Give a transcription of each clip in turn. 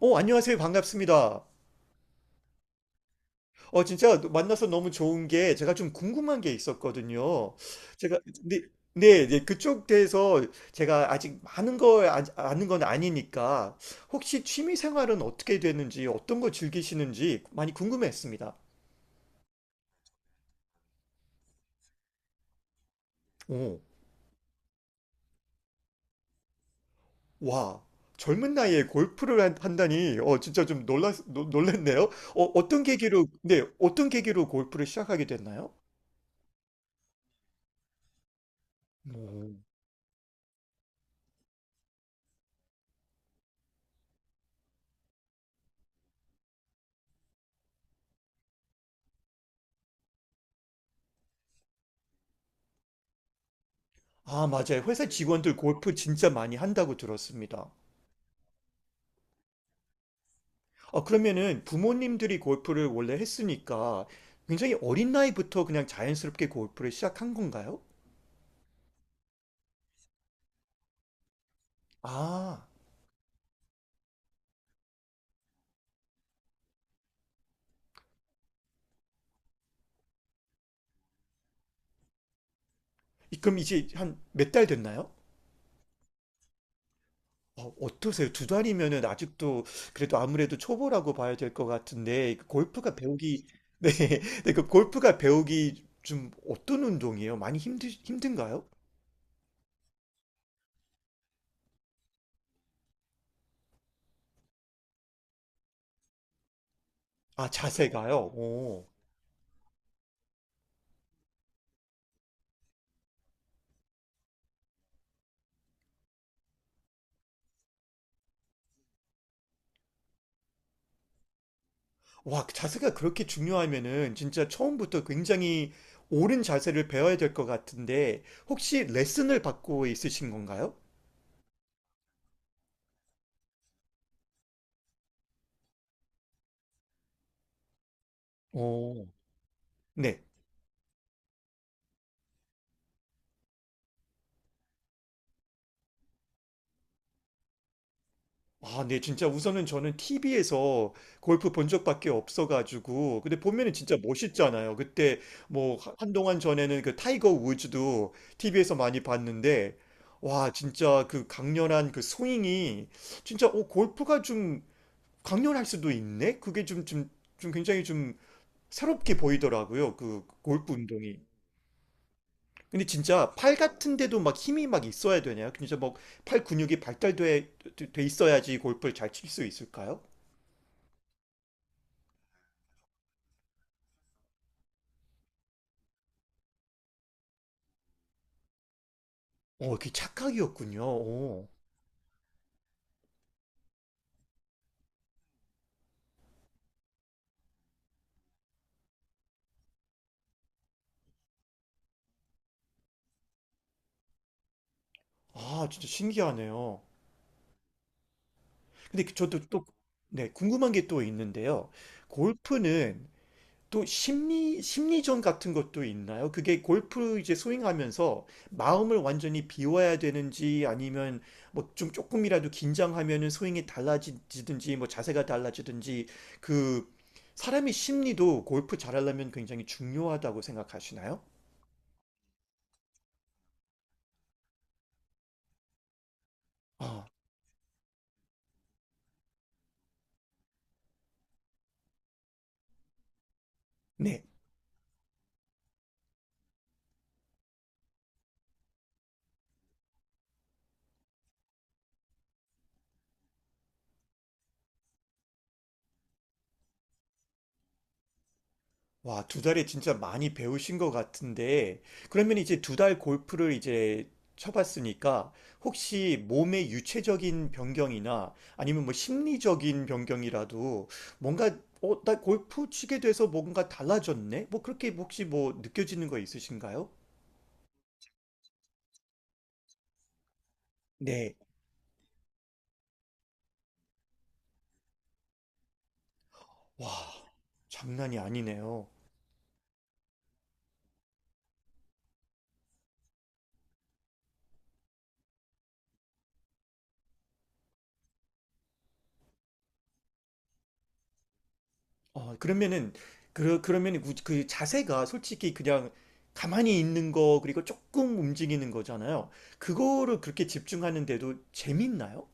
안녕하세요. 반갑습니다. 진짜 만나서 너무 좋은 게 제가 좀 궁금한 게 있었거든요. 제가, 네, 네, 네, 그쪽 대해서 제가 아직 많은 걸 아는 건 아니니까 혹시 취미 생활은 어떻게 되는지, 어떤 거 즐기시는지 많이 궁금했습니다. 오, 와, 젊은 나이에 골프를 한다니, 진짜 좀 놀랐네요. 네, 어떤 계기로 골프를 시작하게 됐나요? 오. 아, 맞아요. 회사 직원들 골프 진짜 많이 한다고 들었습니다. 아, 그러면은 부모님들이 골프를 원래 했으니까 굉장히 어린 나이부터 그냥 자연스럽게 골프를 시작한 건가요? 아, 그럼 이제 한 몇 달 됐나요? 어떠세요? 두 달이면은 아직도 그래도 아무래도 초보라고 봐야 될 것 같은데 그 골프가 배우기 네, 네, 그 골프가 배우기 좀 어떤 운동이에요? 많이 힘드 힘든가요? 아, 자세가요? 와, 자세가 그렇게 중요하면은 진짜 처음부터 굉장히 옳은 자세를 배워야 될 것 같은데, 혹시 레슨을 받고 있으신 건가요? 오, 네. 아, 네. 진짜 우선은 저는 TV에서 골프 본 적밖에 없어가지고. 근데 보면은 진짜 멋있잖아요. 그때 뭐 한동안 전에는 그 타이거 우즈도 TV에서 많이 봤는데, 와, 진짜 그 강렬한 그 스윙이 진짜 골프가 좀 강렬할 수도 있네? 그게 좀 굉장히 좀 새롭게 보이더라고요. 그 골프 운동이. 근데 진짜 팔 같은 데도 막 힘이 막 있어야 되냐? 그 진짜 막 팔 근육이 발달돼 있어야지 골프를 잘 칠 수 있을까요? 그게 착각이었군요. 어. 아, 진짜 신기하네요. 근데 저도 또, 네, 궁금한 게 또 있는데요. 골프는 또 심리전 같은 것도 있나요? 그게 골프 이제 스윙하면서 마음을 완전히 비워야 되는지 아니면 뭐 좀 조금이라도 긴장하면은 스윙이 달라지든지 뭐 자세가 달라지든지 그 사람의 심리도 골프 잘하려면 굉장히 중요하다고 생각하시나요? 아, 네. 와, 두 달에 진짜 많이 배우신 것 같은데, 그러면 이제 두 달 골프를 이제 쳐봤으니까, 혹시 몸의 유체적인 변경이나 아니면 뭐 심리적인 변경이라도 뭔가, 나 골프 치게 돼서 뭔가 달라졌네? 뭐 그렇게 혹시 뭐 느껴지는 거 있으신가요? 네. 와, 장난이 아니네요. 어, 그러면은, 그러면은 그 자세가 솔직히 그냥 가만히 있는 거, 그리고 조금 움직이는 거잖아요. 그거를 그렇게 집중하는데도 재밌나요?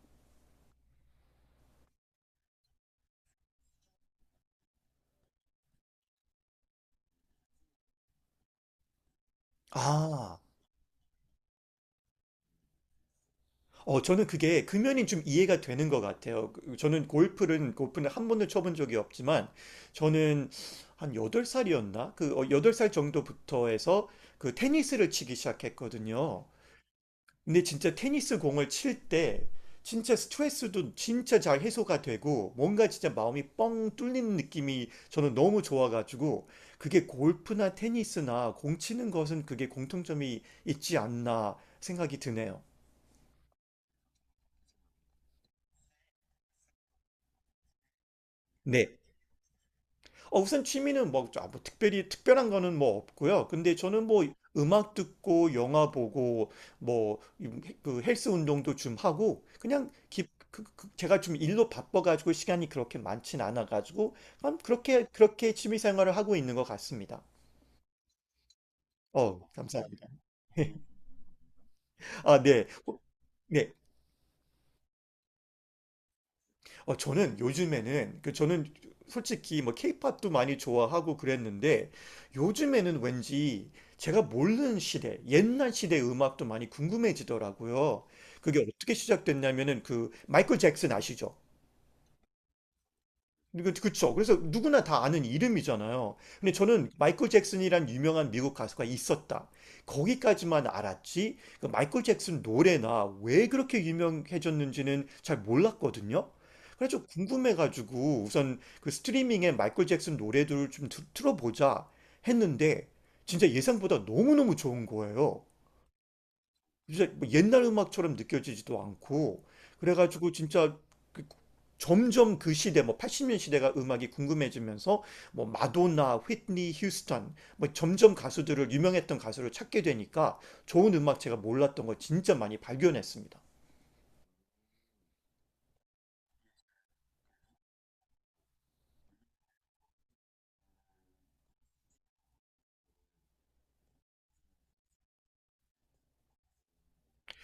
아, 저는 그게 금연이 좀 이해가 되는 것 같아요. 저는 골프는 한 번도 쳐본 적이 없지만, 저는 한 8살이었나? 그 8살 정도부터 해서 그 테니스를 치기 시작했거든요. 근데 진짜 테니스 공을 칠 때 진짜 스트레스도 진짜 잘 해소가 되고 뭔가 진짜 마음이 뻥 뚫리는 느낌이 저는 너무 좋아가지고 그게 골프나 테니스나 공 치는 것은 그게 공통점이 있지 않나 생각이 드네요. 우선 취미는 뭐, 아, 뭐 특별히 특별한 거는 뭐 없고요. 근데 저는 뭐 음악 듣고 영화 보고 뭐 그 헬스 운동도 좀 하고 그냥 제가 좀 일로 바빠가지고 시간이 그렇게 많진 않아가지고 그냥 그렇게 그렇게 취미 생활을 하고 있는 것 같습니다. 감사합니다. 아, 네. 네. 저는 요즘에는 그 저는 솔직히 뭐 케이팝도 많이 좋아하고 그랬는데 요즘에는 왠지 제가 모르는 시대, 옛날 시대 음악도 많이 궁금해지더라고요. 그게 어떻게 시작됐냐면은 그 마이클 잭슨 아시죠? 그쵸. 그래서 누구나 다 아는 이름이잖아요. 근데 저는 마이클 잭슨이란 유명한 미국 가수가 있었다. 거기까지만 알았지, 그 마이클 잭슨 노래나 왜 그렇게 유명해졌는지는 잘 몰랐거든요. 그래서 좀 궁금해가지고 우선 그 스트리밍에 마이클 잭슨 노래들을 좀 틀어보자 했는데 진짜 예상보다 너무너무 좋은 거예요. 진짜 뭐 옛날 음악처럼 느껴지지도 않고 그래가지고 진짜 점점 그 시대 뭐 80년 시대가 음악이 궁금해지면서 뭐 마돈나, 휘트니 휴스턴 뭐 점점 가수들을 유명했던 가수를 찾게 되니까 좋은 음악 제가 몰랐던 걸 진짜 많이 발견했습니다.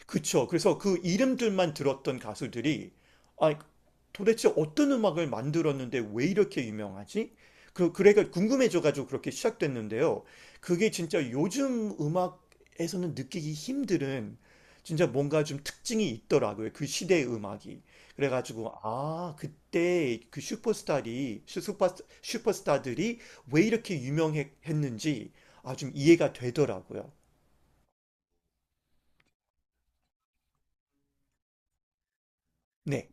그쵸. 그래서 그 이름들만 들었던 가수들이 아, 도대체 어떤 음악을 만들었는데 왜 이렇게 유명하지? 그래가 궁금해져가지고 그렇게 시작됐는데요. 그게 진짜 요즘 음악에서는 느끼기 힘든 진짜 뭔가 좀 특징이 있더라고요. 그 시대의 음악이. 그래가지고, 아, 그때 그 슈퍼스타들이 왜 이렇게 유명했는지, 아, 좀 이해가 되더라고요. 네.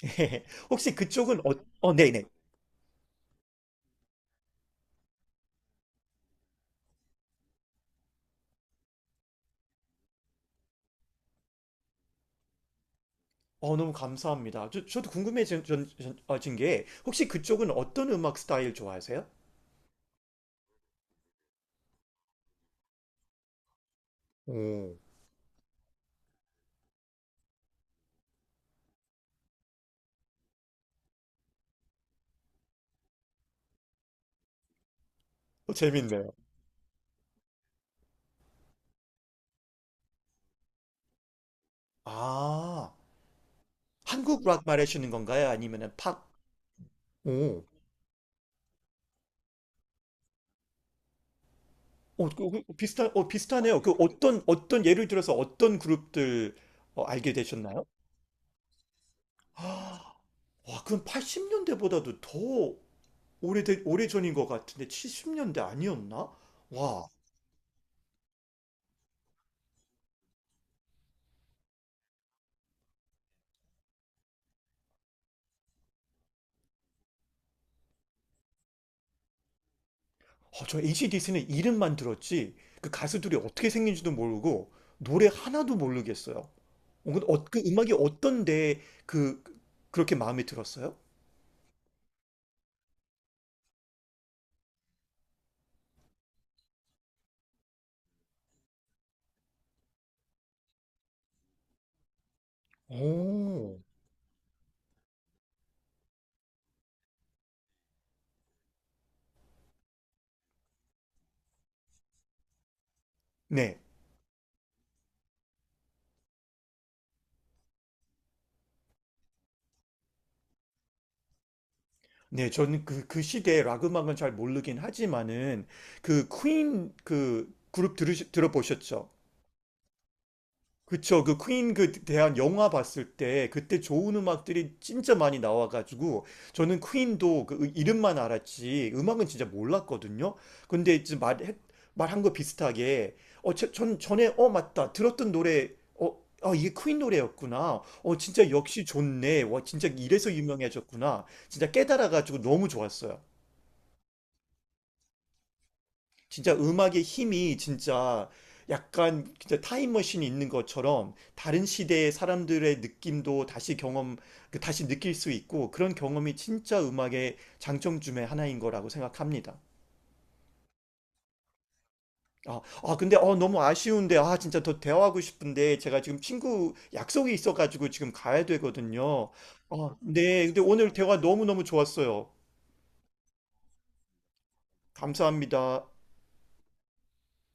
혹시 그쪽은, 네네. 너무 감사합니다. 저도 궁금해진 진게 혹시 그쪽은 어떤 음악 스타일 좋아하세요? 오, 재밌네요. 아, 한국 락 말하시는 건가요? 아니면은 팝? 오. 그 비슷하네요. 그 어떤, 예를 들어서 어떤 그룹들 알게 되셨나요? 아, 와, 그럼 80년대보다도 더 오래된, 오래전인 것 같은데, 70년대 아니었나? 와, 저 AC/DC는 이름만 들었지 그 가수들이 어떻게 생긴지도 모르고 노래 하나도 모르겠어요. 근데 그 음악이 어떤데 그렇게 마음에 들었어요? 오, 네. 네, 저는 그 시대의 락 음악은 잘 모르긴 하지만은 그 퀸 그 그룹 들어보셨죠? 그쵸. 그 퀸 그 대한 영화 봤을 때 그때 좋은 음악들이 진짜 많이 나와가지고 저는 퀸도 그 이름만 알았지 음악은 진짜 몰랐거든요. 근데 이제 말한 거 비슷하게 어, 저- 전 전에 맞다 들었던 노래, 어, 아 이게 퀸 노래였구나. 진짜 역시 좋네. 와 진짜 이래서 유명해졌구나. 진짜 깨달아가지고 너무 좋았어요. 진짜 음악의 힘이 진짜 약간 진짜 타임머신이 있는 것처럼 다른 시대의 사람들의 느낌도 그 다시 느낄 수 있고 그런 경험이 진짜 음악의 장점 중에 하나인 거라고 생각합니다. 근데 너무 아쉬운데 아 진짜 더 대화하고 싶은데 제가 지금 친구 약속이 있어가지고 지금 가야 되거든요. 아, 네, 근데 오늘 대화 너무너무 좋았어요. 감사합니다.